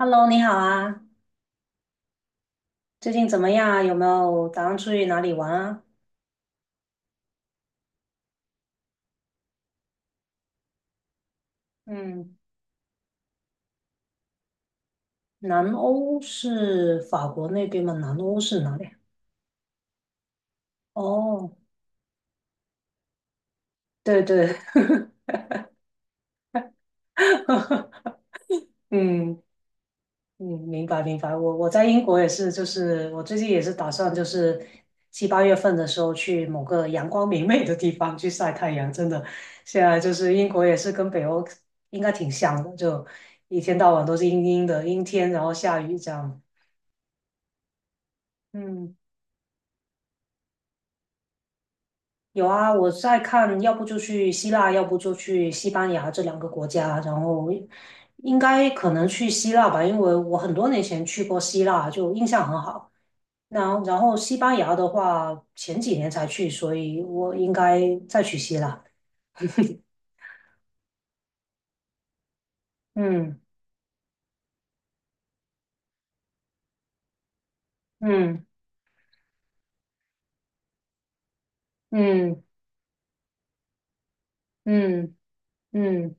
Hello，你好啊，最近怎么样啊？有没有打算出去哪里玩啊？嗯，南欧是法国那边吗？南欧是哪里？哦，对对，嗯嗯，明白明白。我在英国也是，就是我最近也是打算就是7、8月份的时候去某个阳光明媚的地方去晒太阳。真的，现在就是英国也是跟北欧应该挺像的，就一天到晚都是阴阴的阴天，然后下雨这样。嗯。有啊，我在看，要不就去希腊，要不就去西班牙这两个国家。然后应该可能去希腊吧，因为我很多年前去过希腊，就印象很好。那然后西班牙的话，前几年才去，所以我应该再去希腊。嗯嗯嗯嗯嗯，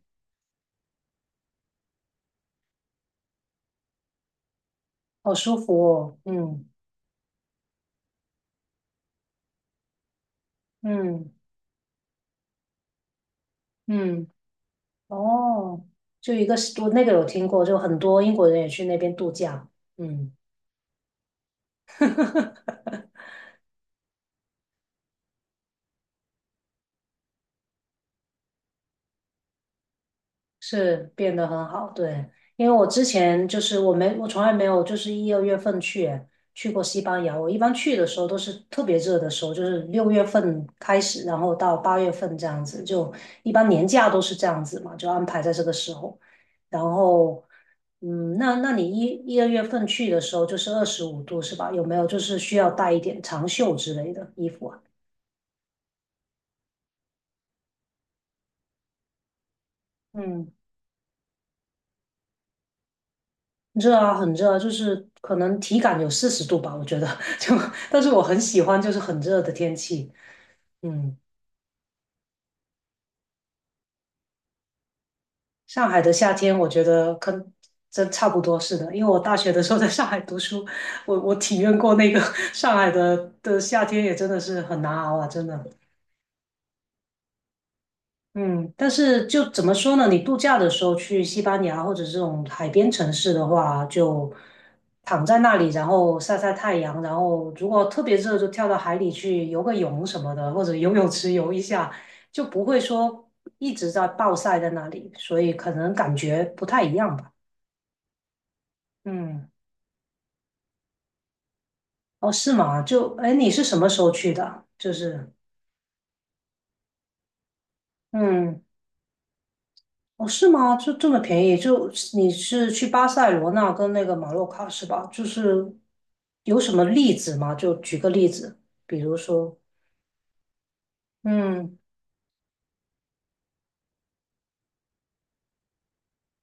好舒服哦。嗯嗯嗯，哦，就一个我那个有听过，就很多英国人也去那边度假。嗯。是变得很好，对，因为我之前就是我从来没有就是一二月份去过西班牙，我一般去的时候都是特别热的时候，就是6月份开始，然后到八月份这样子，就一般年假都是这样子嘛，就安排在这个时候。然后，嗯，那你一二月份去的时候就是25度是吧？有没有就是需要带一点长袖之类的衣服啊？嗯热啊，很热啊，就是可能体感有四十度吧，我觉得 就，但是我很喜欢就是很热的天气。嗯，上海的夏天我觉得跟真差不多是的，因为我大学的时候在上海读书，我体验过那个 上海的夏天，也真的是很难熬啊，真的。嗯，但是就怎么说呢？你度假的时候去西班牙或者这种海边城市的话，就躺在那里，然后晒晒太阳，然后如果特别热，就跳到海里去游个泳什么的，或者游泳池游一下，就不会说一直在暴晒在那里，所以可能感觉不太一样吧。嗯，哦，是吗？就，哎，你是什么时候去的？就是，嗯。哦，是吗？就这么便宜？就你是去巴塞罗那跟那个马洛卡是吧？就是有什么例子吗？就举个例子，比如说，嗯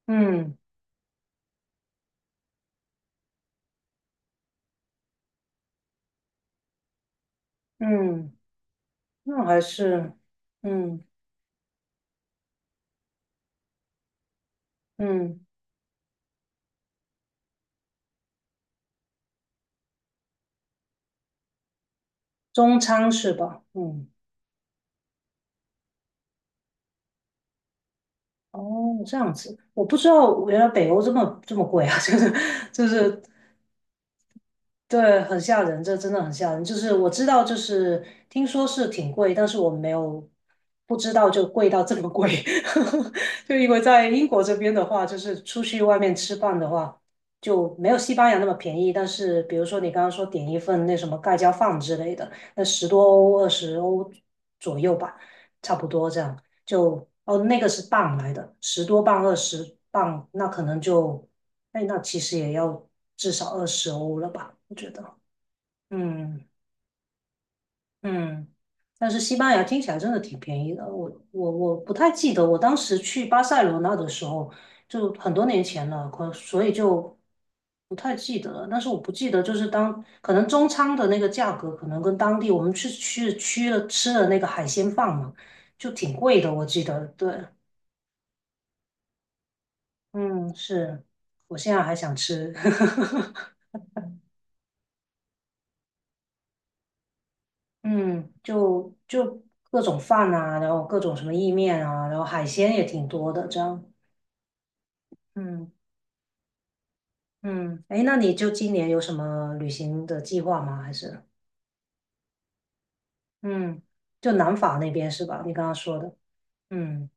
嗯嗯，那还是嗯嗯，中餐是吧？嗯，哦，这样子，我不知道原来北欧这么这么贵啊，就是对，很吓人，这真的很吓人。就是我知道，就是听说是挺贵，但是我没有不知道就贵到这么贵。就因为在英国这边的话，就是出去外面吃饭的话，就没有西班牙那么便宜。但是比如说你刚刚说点一份那什么盖浇饭之类的，那十多欧、二十欧左右吧，差不多这样。就哦，那个是磅来的，十多磅、二十磅，那可能就哎，那其实也要至少二十欧了吧？我觉得，嗯嗯。但是西班牙听起来真的挺便宜的，我不太记得我当时去巴塞罗那的时候，就很多年前了，所以就不太记得了。但是我不记得就是可能中餐的那个价格，可能跟当地我们去了吃的那个海鲜饭嘛，就挺贵的，我记得。对，嗯，是，我现在还想吃。嗯，就各种饭啊，然后各种什么意面啊，然后海鲜也挺多的，这样。嗯嗯，哎，那你就今年有什么旅行的计划吗？还是嗯，就南法那边是吧？你刚刚说的。嗯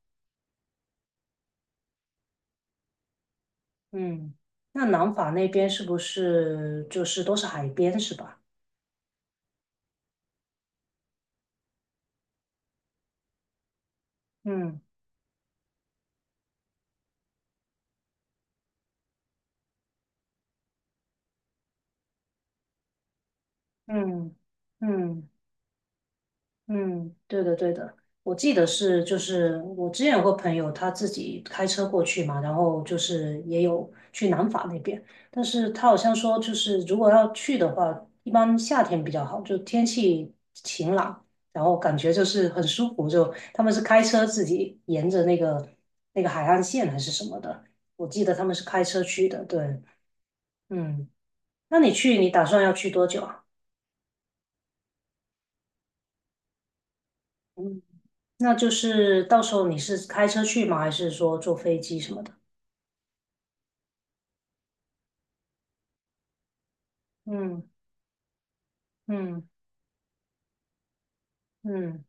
嗯，那南法那边是不是就是都是海边是吧？嗯嗯嗯。嗯，对的，对的，我记得是，就是我之前有个朋友，他自己开车过去嘛，然后就是也有去南法那边，但是他好像说，就是如果要去的话，一般夏天比较好，就天气晴朗，然后感觉就是很舒服，就他们是开车自己沿着那个海岸线还是什么的，我记得他们是开车去的，对，嗯，那你去，你打算要去多久啊？那就是到时候你是开车去吗？还是说坐飞机什么的？嗯嗯嗯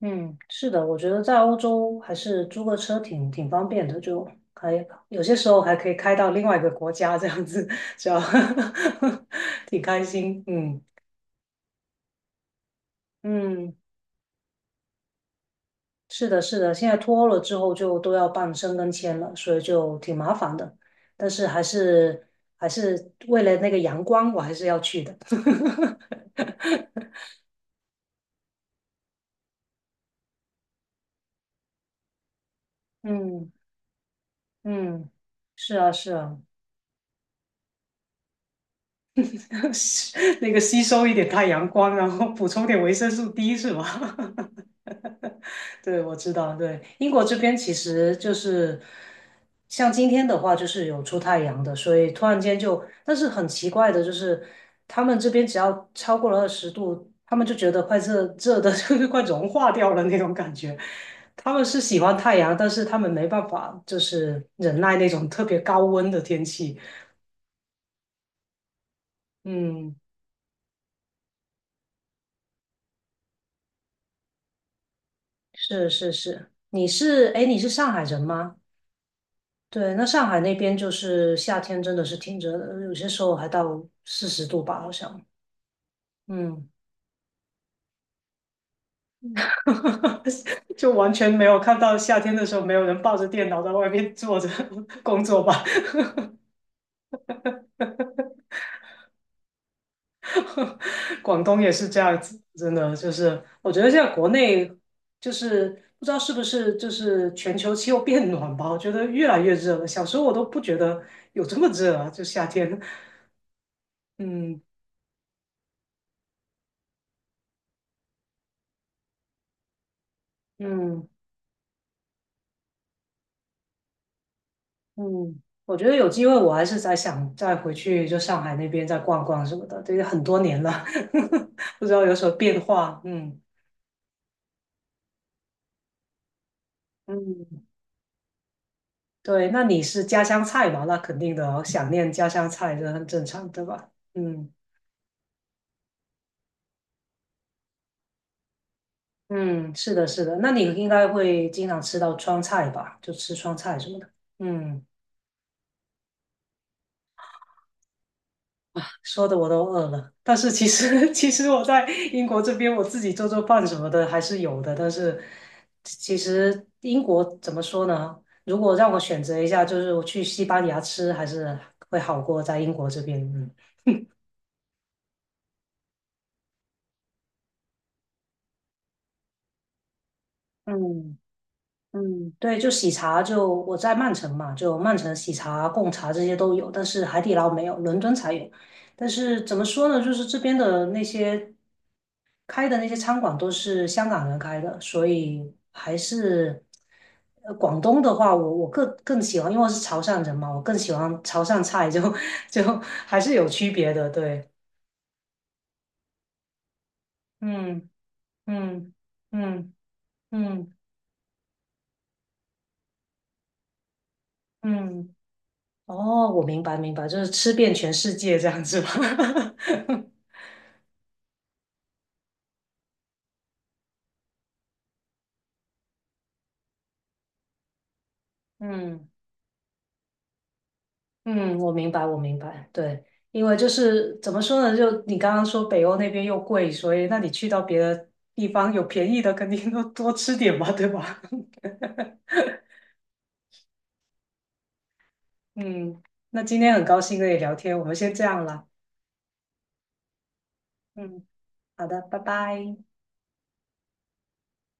嗯，是的，我觉得在欧洲还是租个车挺方便的，就还有些时候还可以开到另外一个国家这样子，只要 挺开心。嗯嗯，是的，是的，现在脱欧了之后就都要办申根签了，所以就挺麻烦的。但是还是为了那个阳光，我还是要去的。嗯嗯，是啊，是啊，吸那个吸收一点太阳光，然后补充点维生素 D 是吧？对，我知道，对，英国这边其实就是像今天的话，就是有出太阳的，所以突然间就，但是很奇怪的就是，他们这边只要超过了20度，他们就觉得快热热的，就是快融化掉了那种感觉。他们是喜欢太阳，但是他们没办法，就是忍耐那种特别高温的天气。嗯。是是是，哎，诶你是上海人吗？对，那上海那边就是夏天真的是挺热的，有些时候还到四十度吧，好像。嗯，就完全没有看到夏天的时候没有人抱着电脑在外面坐着 工作吧。广东也是这样子，真的就是我觉得现在国内就是不知道是不是就是全球气候变暖吧，我觉得越来越热了。小时候我都不觉得有这么热啊，就夏天。嗯嗯。嗯，我觉得有机会我还是在想再回去就上海那边再逛逛什么的，这个很多年了，不知道有什么变化。嗯嗯，对，那你是家乡菜嘛？那肯定的哦，想念家乡菜这很正常，对吧？嗯嗯，是的，是的。那你应该会经常吃到川菜吧？就吃川菜什么的。嗯说的我都饿了，但是其实 其实我在英国这边我自己做做饭什么的还是有的，但是其实英国怎么说呢？如果让我选择一下，就是我去西班牙吃，还是会好过在英国这边。嗯，嗯。嗯，对，就喜茶就我在曼城嘛，就曼城喜茶、贡茶这些都有，但是海底捞没有，伦敦才有。但是怎么说呢，就是这边的那些开的那些餐馆都是香港人开的，所以还是广东的话，我更喜欢，因为我是潮汕人嘛，我更喜欢潮汕菜就，就还是有区别的。对，嗯嗯嗯嗯嗯。嗯哦，我明白明白，就是吃遍全世界这样子吧。嗯嗯，我明白我明白，对，因为就是怎么说呢，就你刚刚说北欧那边又贵，所以那你去到别的地方有便宜的，肯定都多吃点嘛，对吧？嗯，那今天很高兴跟你聊天，我们先这样了。嗯，好的，拜拜。